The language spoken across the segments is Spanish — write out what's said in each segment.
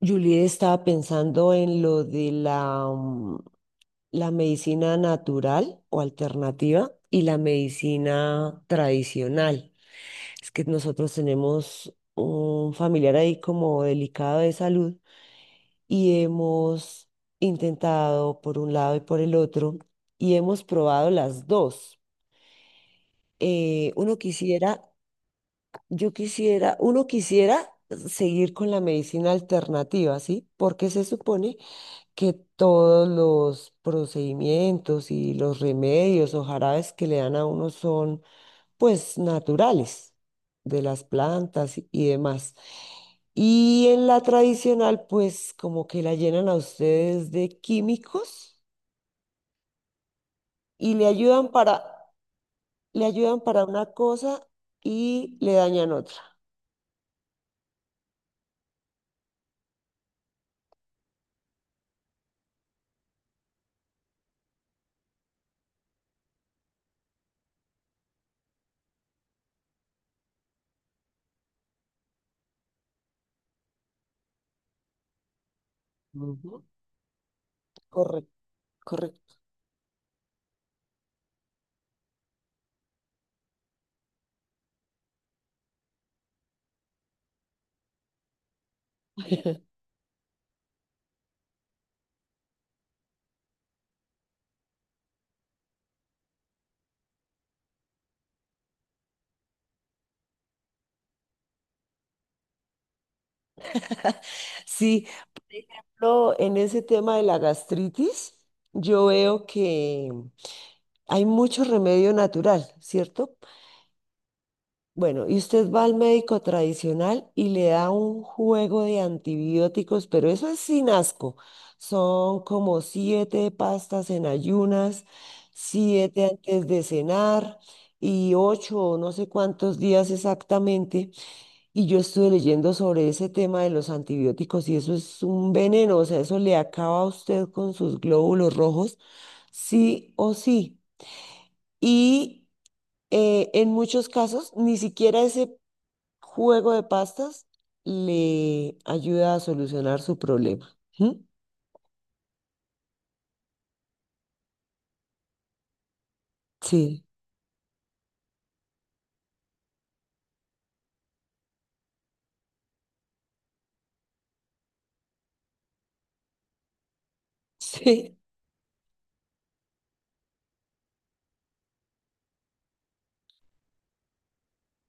Juliet estaba pensando en lo de la la medicina natural o alternativa y la medicina tradicional. Es que nosotros tenemos un familiar ahí como delicado de salud y hemos intentado por un lado y por el otro y hemos probado las dos. Uno quisiera, yo quisiera, uno quisiera seguir con la medicina alternativa, ¿sí? Porque se supone que todos los procedimientos y los remedios o jarabes que le dan a uno son pues naturales de las plantas y demás. Y en la tradicional pues como que la llenan a ustedes de químicos y le ayudan para una cosa y le dañan otra. Ujú. Correcto, correcto. Sí, por ejemplo, en ese tema de la gastritis, yo veo que hay mucho remedio natural, ¿cierto? Bueno, y usted va al médico tradicional y le da un juego de antibióticos, pero eso es sin asco. Son como siete pastas en ayunas, siete antes de cenar y ocho o no sé cuántos días exactamente. Y yo estuve leyendo sobre ese tema de los antibióticos y eso es un veneno, o sea, eso le acaba a usted con sus glóbulos rojos, sí o sí. Y en muchos casos, ni siquiera ese juego de pastas le ayuda a solucionar su problema. ¿Mm? Sí, sí.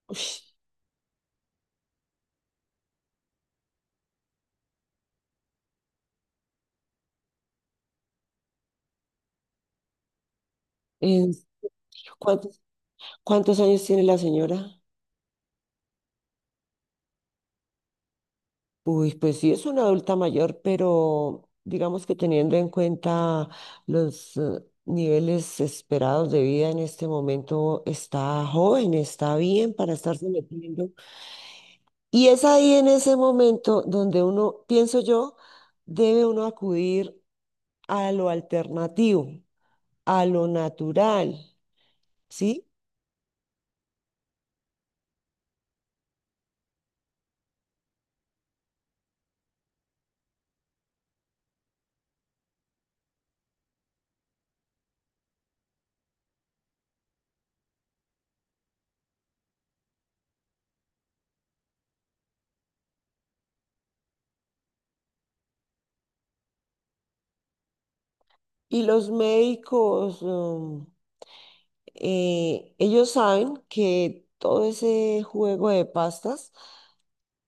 Ush, en- ¿cuántos, cuántos años tiene la señora? Uy, pues sí, es una adulta mayor, pero digamos que teniendo en cuenta los niveles esperados de vida en este momento, está joven, está bien para estarse metiendo. Y es ahí en ese momento donde uno, pienso yo, debe uno acudir a lo alternativo, a lo natural. ¿Sí? Y los médicos, ellos saben que todo ese juego de pastas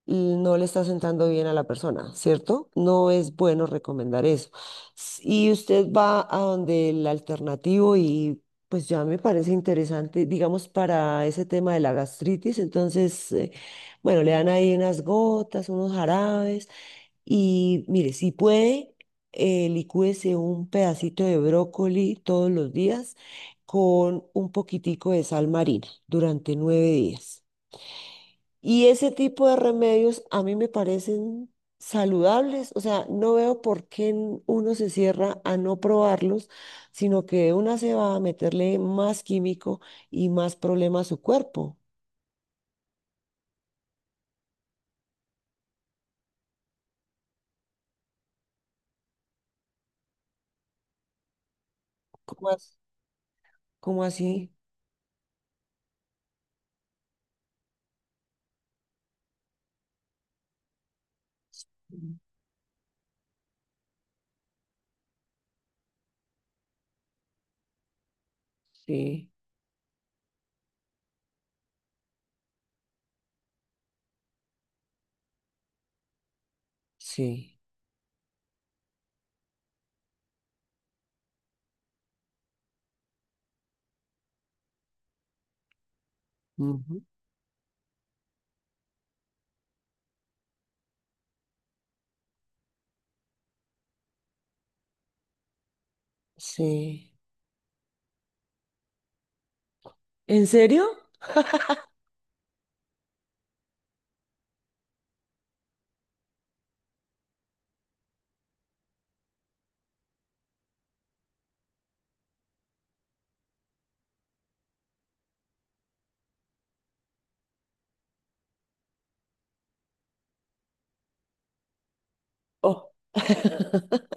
no le está sentando bien a la persona, ¿cierto? No es bueno recomendar eso. Y usted va a donde el alternativo y pues ya me parece interesante, digamos, para ese tema de la gastritis, entonces, bueno, le dan ahí unas gotas, unos jarabes y mire, si puede, licúese un pedacito de brócoli todos los días con un poquitico de sal marina durante 9 días. Y ese tipo de remedios a mí me parecen saludables, o sea, no veo por qué uno se cierra a no probarlos, sino que de una se va a meterle más químico y más problema a su cuerpo. ¿Cómo, cómo así? Mm. Sí, sí, ujú, sí. ¿En serio? Oh,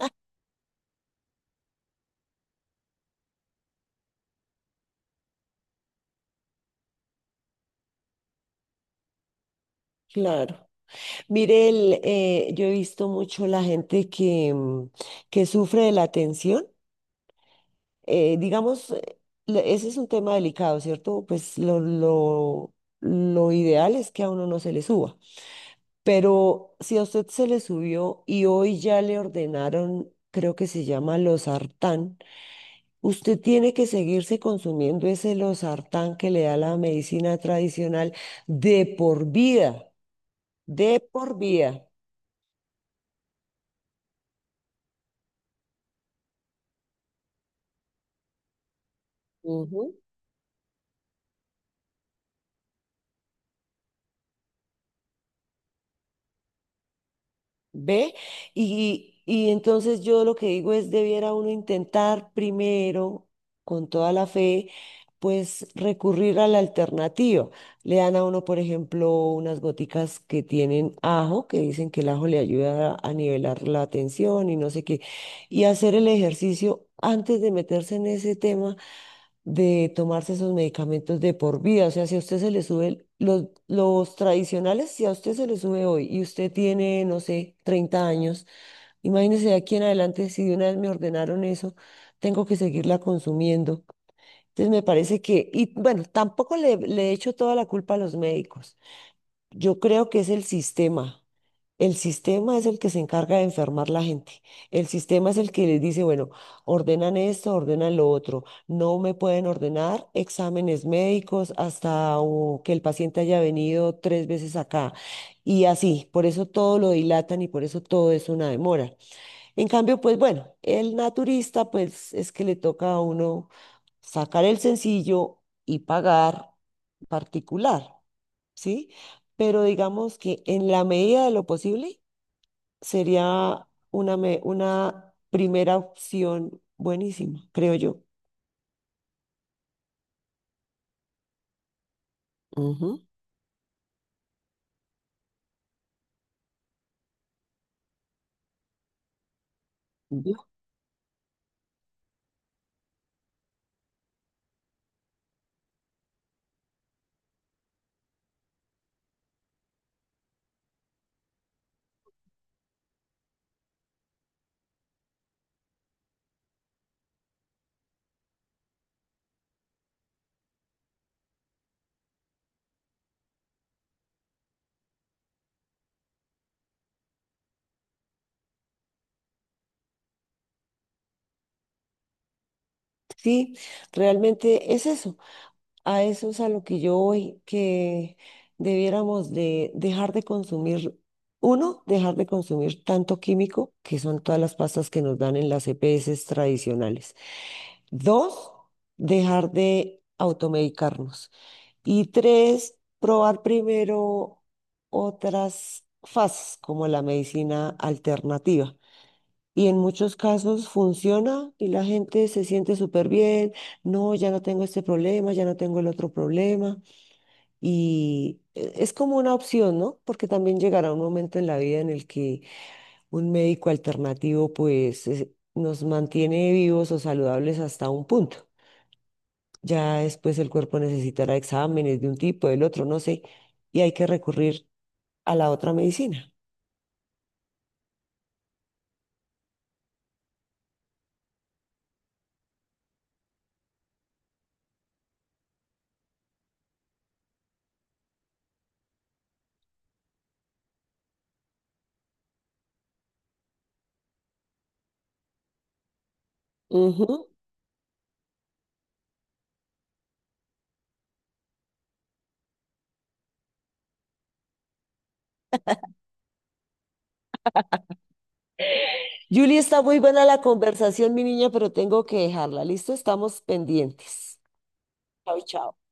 claro. Mire, el, yo he visto mucho la gente que, que sufre de la tensión. Digamos, ese es un tema delicado, ¿cierto? Pues lo ideal es que a uno no se le suba, pero si a usted se le subió y hoy ya le ordenaron, creo que se llama losartán, usted tiene que seguirse consumiendo ese losartán que le da la medicina tradicional de por vida, de por vida. ¿Ve? Y entonces yo lo que digo es, debiera uno intentar primero, con toda la fe, pues recurrir a la alternativa. Le dan a uno, por ejemplo, unas goticas que tienen ajo, que dicen que el ajo le ayuda a nivelar la tensión y no sé qué, y hacer el ejercicio antes de meterse en ese tema de tomarse esos medicamentos de por vida. O sea, si a usted se le sube, los tradicionales, si a usted se le sube hoy y usted tiene, no sé, 30 años, imagínese de aquí en adelante, si de una vez me ordenaron eso, tengo que seguirla consumiendo. Entonces me parece que, y bueno, tampoco le, le echo toda la culpa a los médicos. Yo creo que es el sistema. El sistema es el que se encarga de enfermar la gente. El sistema es el que les dice, bueno, ordenan esto, ordenan lo otro. No me pueden ordenar exámenes médicos hasta o, que el paciente haya venido 3 veces acá. Y así, por eso todo lo dilatan y por eso todo es una demora. En cambio, pues bueno, el naturista, pues es que le toca a uno sacar el sencillo y pagar particular, ¿sí? Pero digamos que en la medida de lo posible sería una, una primera opción buenísima, creo yo. Ujú. Ujú. Sí, realmente es eso. A eso es a lo que yo voy, que debiéramos de dejar de consumir, uno, dejar de consumir tanto químico, que son todas las pastas que nos dan en las EPS tradicionales. Dos, dejar de automedicarnos. Y tres, probar primero otras fases como la medicina alternativa. Y en muchos casos funciona y la gente se siente súper bien. No, ya no tengo este problema, ya no tengo el otro problema. Y es como una opción, ¿no? Porque también llegará un momento en la vida en el que un médico alternativo nos mantiene vivos o saludables hasta un punto. Ya después el cuerpo necesitará exámenes de un tipo, del otro, no sé, y hay que recurrir a la otra medicina. Ujú. Julie, está muy buena la conversación, mi niña, pero tengo que dejarla. Listo, estamos pendientes. Chao, chao.